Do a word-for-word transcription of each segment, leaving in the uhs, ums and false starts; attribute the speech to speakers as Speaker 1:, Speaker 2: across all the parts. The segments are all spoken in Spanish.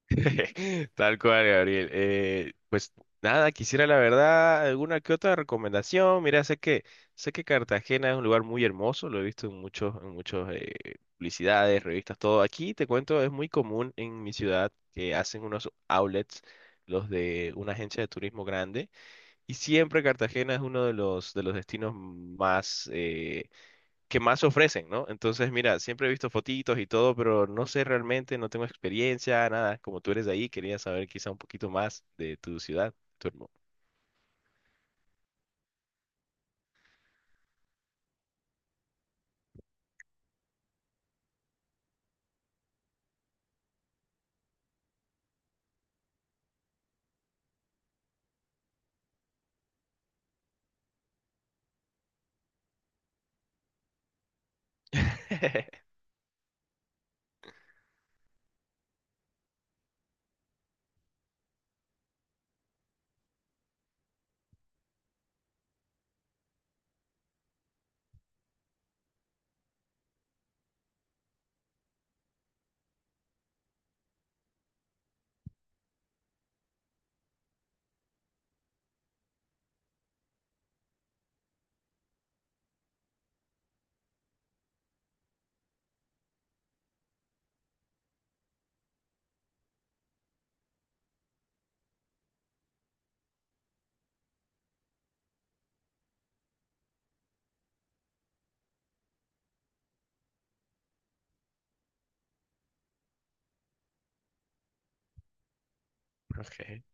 Speaker 1: Tal cual, Gabriel. Eh, pues nada, quisiera la verdad alguna que otra recomendación. Mira, sé que sé que Cartagena es un lugar muy hermoso, lo he visto en muchos en muchos eh, publicidades, revistas, todo. Aquí te cuento, es muy común en mi ciudad que hacen unos outlets, los de una agencia de turismo grande, y siempre Cartagena es uno de los de los destinos más eh, que más ofrecen, ¿no? Entonces, mira, siempre he visto fotitos y todo, pero no sé realmente, no tengo experiencia, nada. Como tú eres de ahí, quería saber quizá un poquito más de tu ciudad, tu hermano. Ok,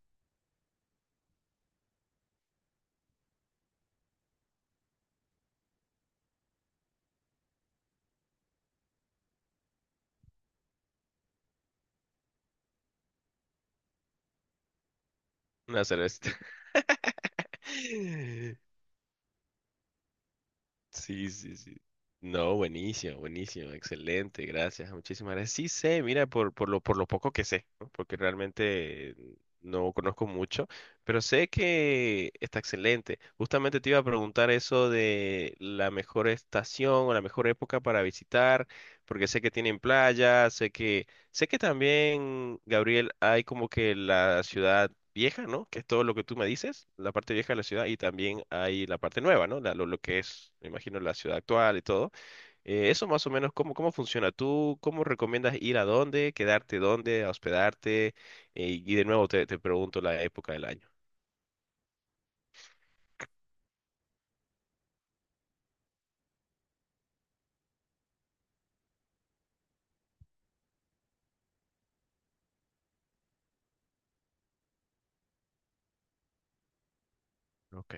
Speaker 1: una cerveza. Sí, sí, sí. No, buenísimo, buenísimo, excelente, gracias, muchísimas gracias. Sí sé, mira, por, por lo, por lo poco que sé, ¿no? Porque realmente no conozco mucho, pero sé que está excelente. Justamente te iba a preguntar eso de la mejor estación o la mejor época para visitar, porque sé que tienen playa, sé que sé que también, Gabriel, hay como que la ciudad vieja, ¿no? Que es todo lo que tú me dices, la parte vieja de la ciudad, y también hay la parte nueva, ¿no? La- lo, lo que es, me imagino, la ciudad actual y todo. Eh, eso más o menos, ¿cómo, cómo funciona? ¿Tú cómo recomiendas ir a dónde, quedarte dónde, a hospedarte? Eh, y de nuevo te, te pregunto la época del año. Ok,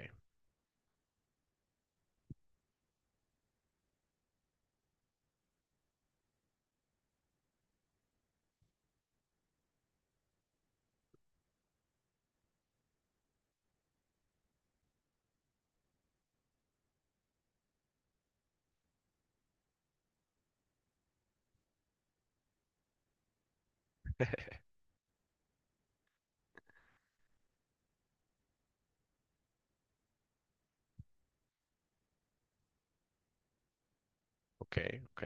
Speaker 1: ok, ok.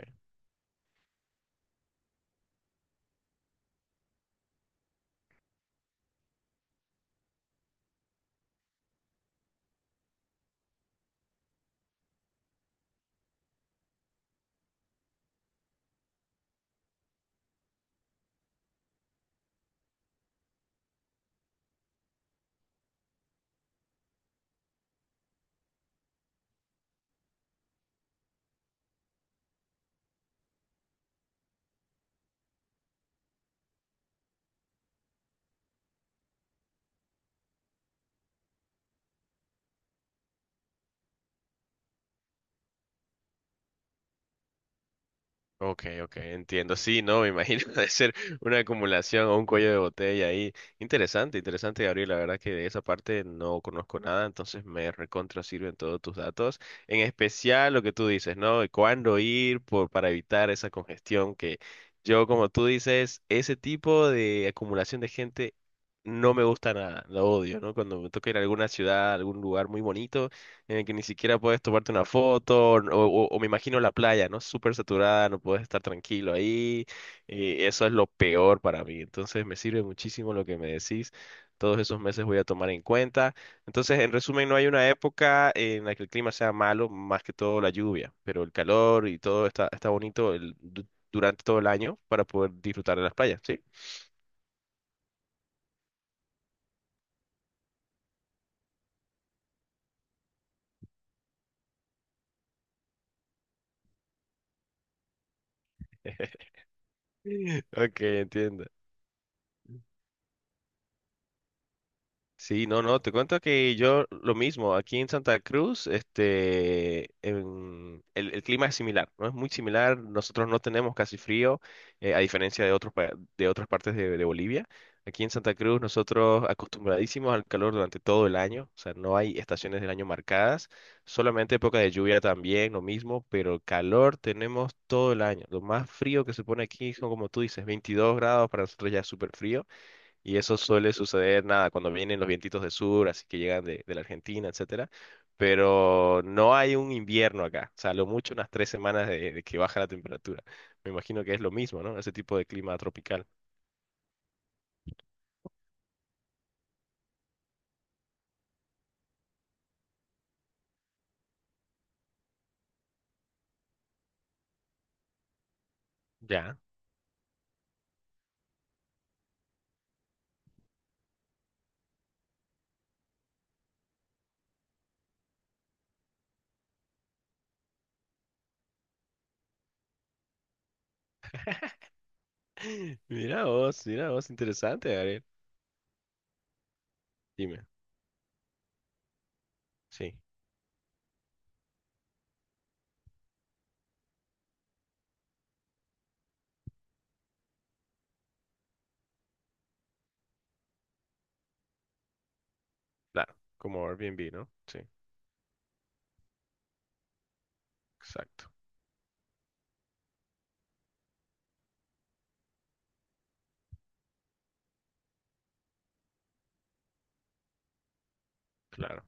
Speaker 1: Ok, ok, entiendo. Sí, no, me imagino de ser una acumulación o un cuello de botella ahí. Interesante, interesante, Gabriel. La verdad que de esa parte no conozco nada, entonces me recontra sirven todos tus datos. En especial lo que tú dices, ¿no? De cuándo ir por, para evitar esa congestión que yo, como tú dices, ese tipo de acumulación de gente no me gusta nada, lo odio, ¿no? Cuando me toca ir a alguna ciudad, a algún lugar muy bonito en el que ni siquiera puedes tomarte una foto, o, o- o me imagino la playa, ¿no? Súper saturada, no puedes estar tranquilo ahí, y eso es lo peor para mí. Entonces me sirve muchísimo lo que me decís, todos esos meses voy a tomar en cuenta. Entonces, en resumen, no hay una época en la que el clima sea malo, más que todo la lluvia, pero el calor y todo está, está bonito el- du- durante todo el año para poder disfrutar de las playas, ¿sí? Ok, entiendo. Sí, no, no, te cuento que yo lo mismo, aquí en Santa Cruz, este, en- el, el clima es similar, ¿no? Es muy similar, nosotros no tenemos casi frío, eh, a diferencia de otros, pa- de otras partes de, de Bolivia. Aquí en Santa Cruz nosotros acostumbradísimos al calor durante todo el año, o sea, no hay estaciones del año marcadas, solamente época de lluvia también, lo mismo, pero calor tenemos todo el año. Lo más frío que se pone aquí son, como tú dices, veintidós grados, para nosotros ya es súper frío. Y eso suele suceder, nada, cuando vienen los vientitos del sur, así que llegan de, de la Argentina, etcétera. Pero no hay un invierno acá. O sea, lo mucho unas tres semanas de, de que baja la temperatura. Me imagino que es lo mismo, ¿no? Ese tipo de clima tropical. Ya. Mira vos, mira vos, interesante, Gabriel. Dime. Sí, claro. Como Airbnb, ¿no? Sí, exacto. Claro.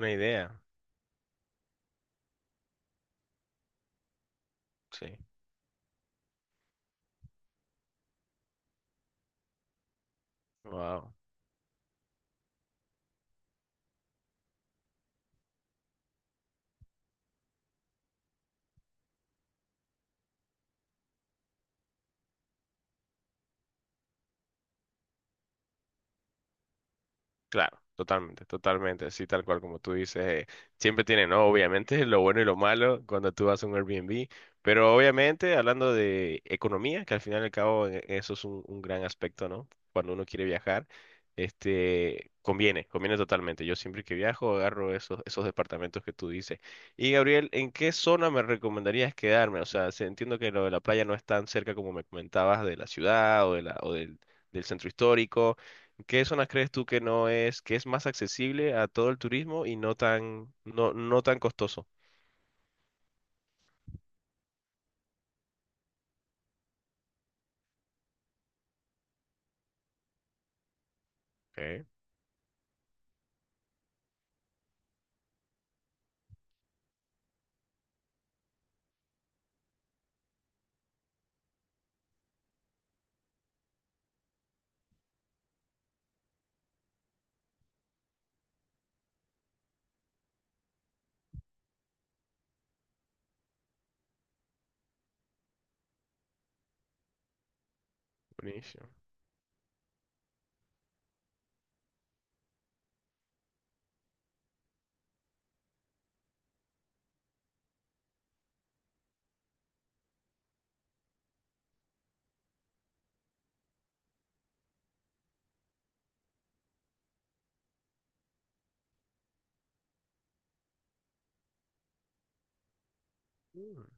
Speaker 1: Una idea. Sí. Wow. Claro, totalmente, totalmente, así tal cual como tú dices, eh, siempre tiene, ¿no? Obviamente, lo bueno y lo malo cuando tú vas a un Airbnb, pero obviamente hablando de economía, que al final y al cabo eh, eso es un, un gran aspecto, ¿no? Cuando uno quiere viajar, este, conviene, conviene totalmente. Yo siempre que viajo agarro esos, esos departamentos que tú dices. Y Gabriel, ¿en qué zona me recomendarías quedarme? O sea, se- entiendo que lo de la playa no es tan cerca como me comentabas de la ciudad o de la, o del, del centro histórico. ¿Qué zonas crees tú que no es, que es más accesible a todo el turismo y no tan, no, no tan costoso? Ok, buenísimo. Mm.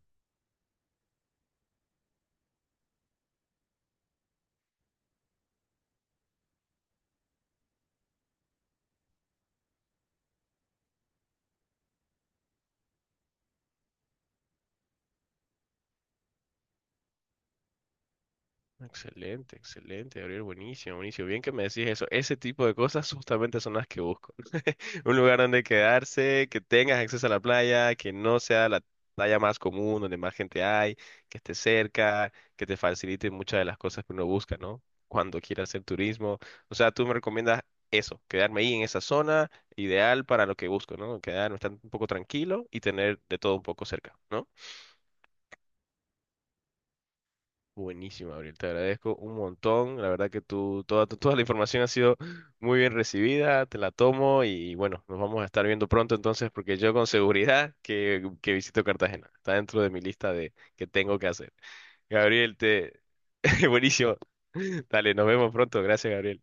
Speaker 1: Excelente, excelente, Gabriel, buenísimo, buenísimo. Bien que me decís eso. Ese tipo de cosas justamente son las que busco. Un lugar donde quedarse, que tengas acceso a la playa, que no sea la playa más común, donde más gente hay, que esté cerca, que te facilite muchas de las cosas que uno busca, ¿no? Cuando quiera hacer turismo. O sea, tú me recomiendas eso, quedarme ahí en esa zona, ideal para lo que busco, ¿no? Quedarme estar un poco tranquilo y tener de todo un poco cerca, ¿no? Buenísimo, Gabriel. Te agradezco un montón. La verdad que tú, toda, tu- toda la información ha sido muy bien recibida. Te la tomo y bueno, nos vamos a estar viendo pronto entonces porque yo con seguridad que, que visito Cartagena. Está dentro de mi lista de que tengo que hacer. Gabriel, te... Buenísimo. Dale, nos vemos pronto. Gracias, Gabriel.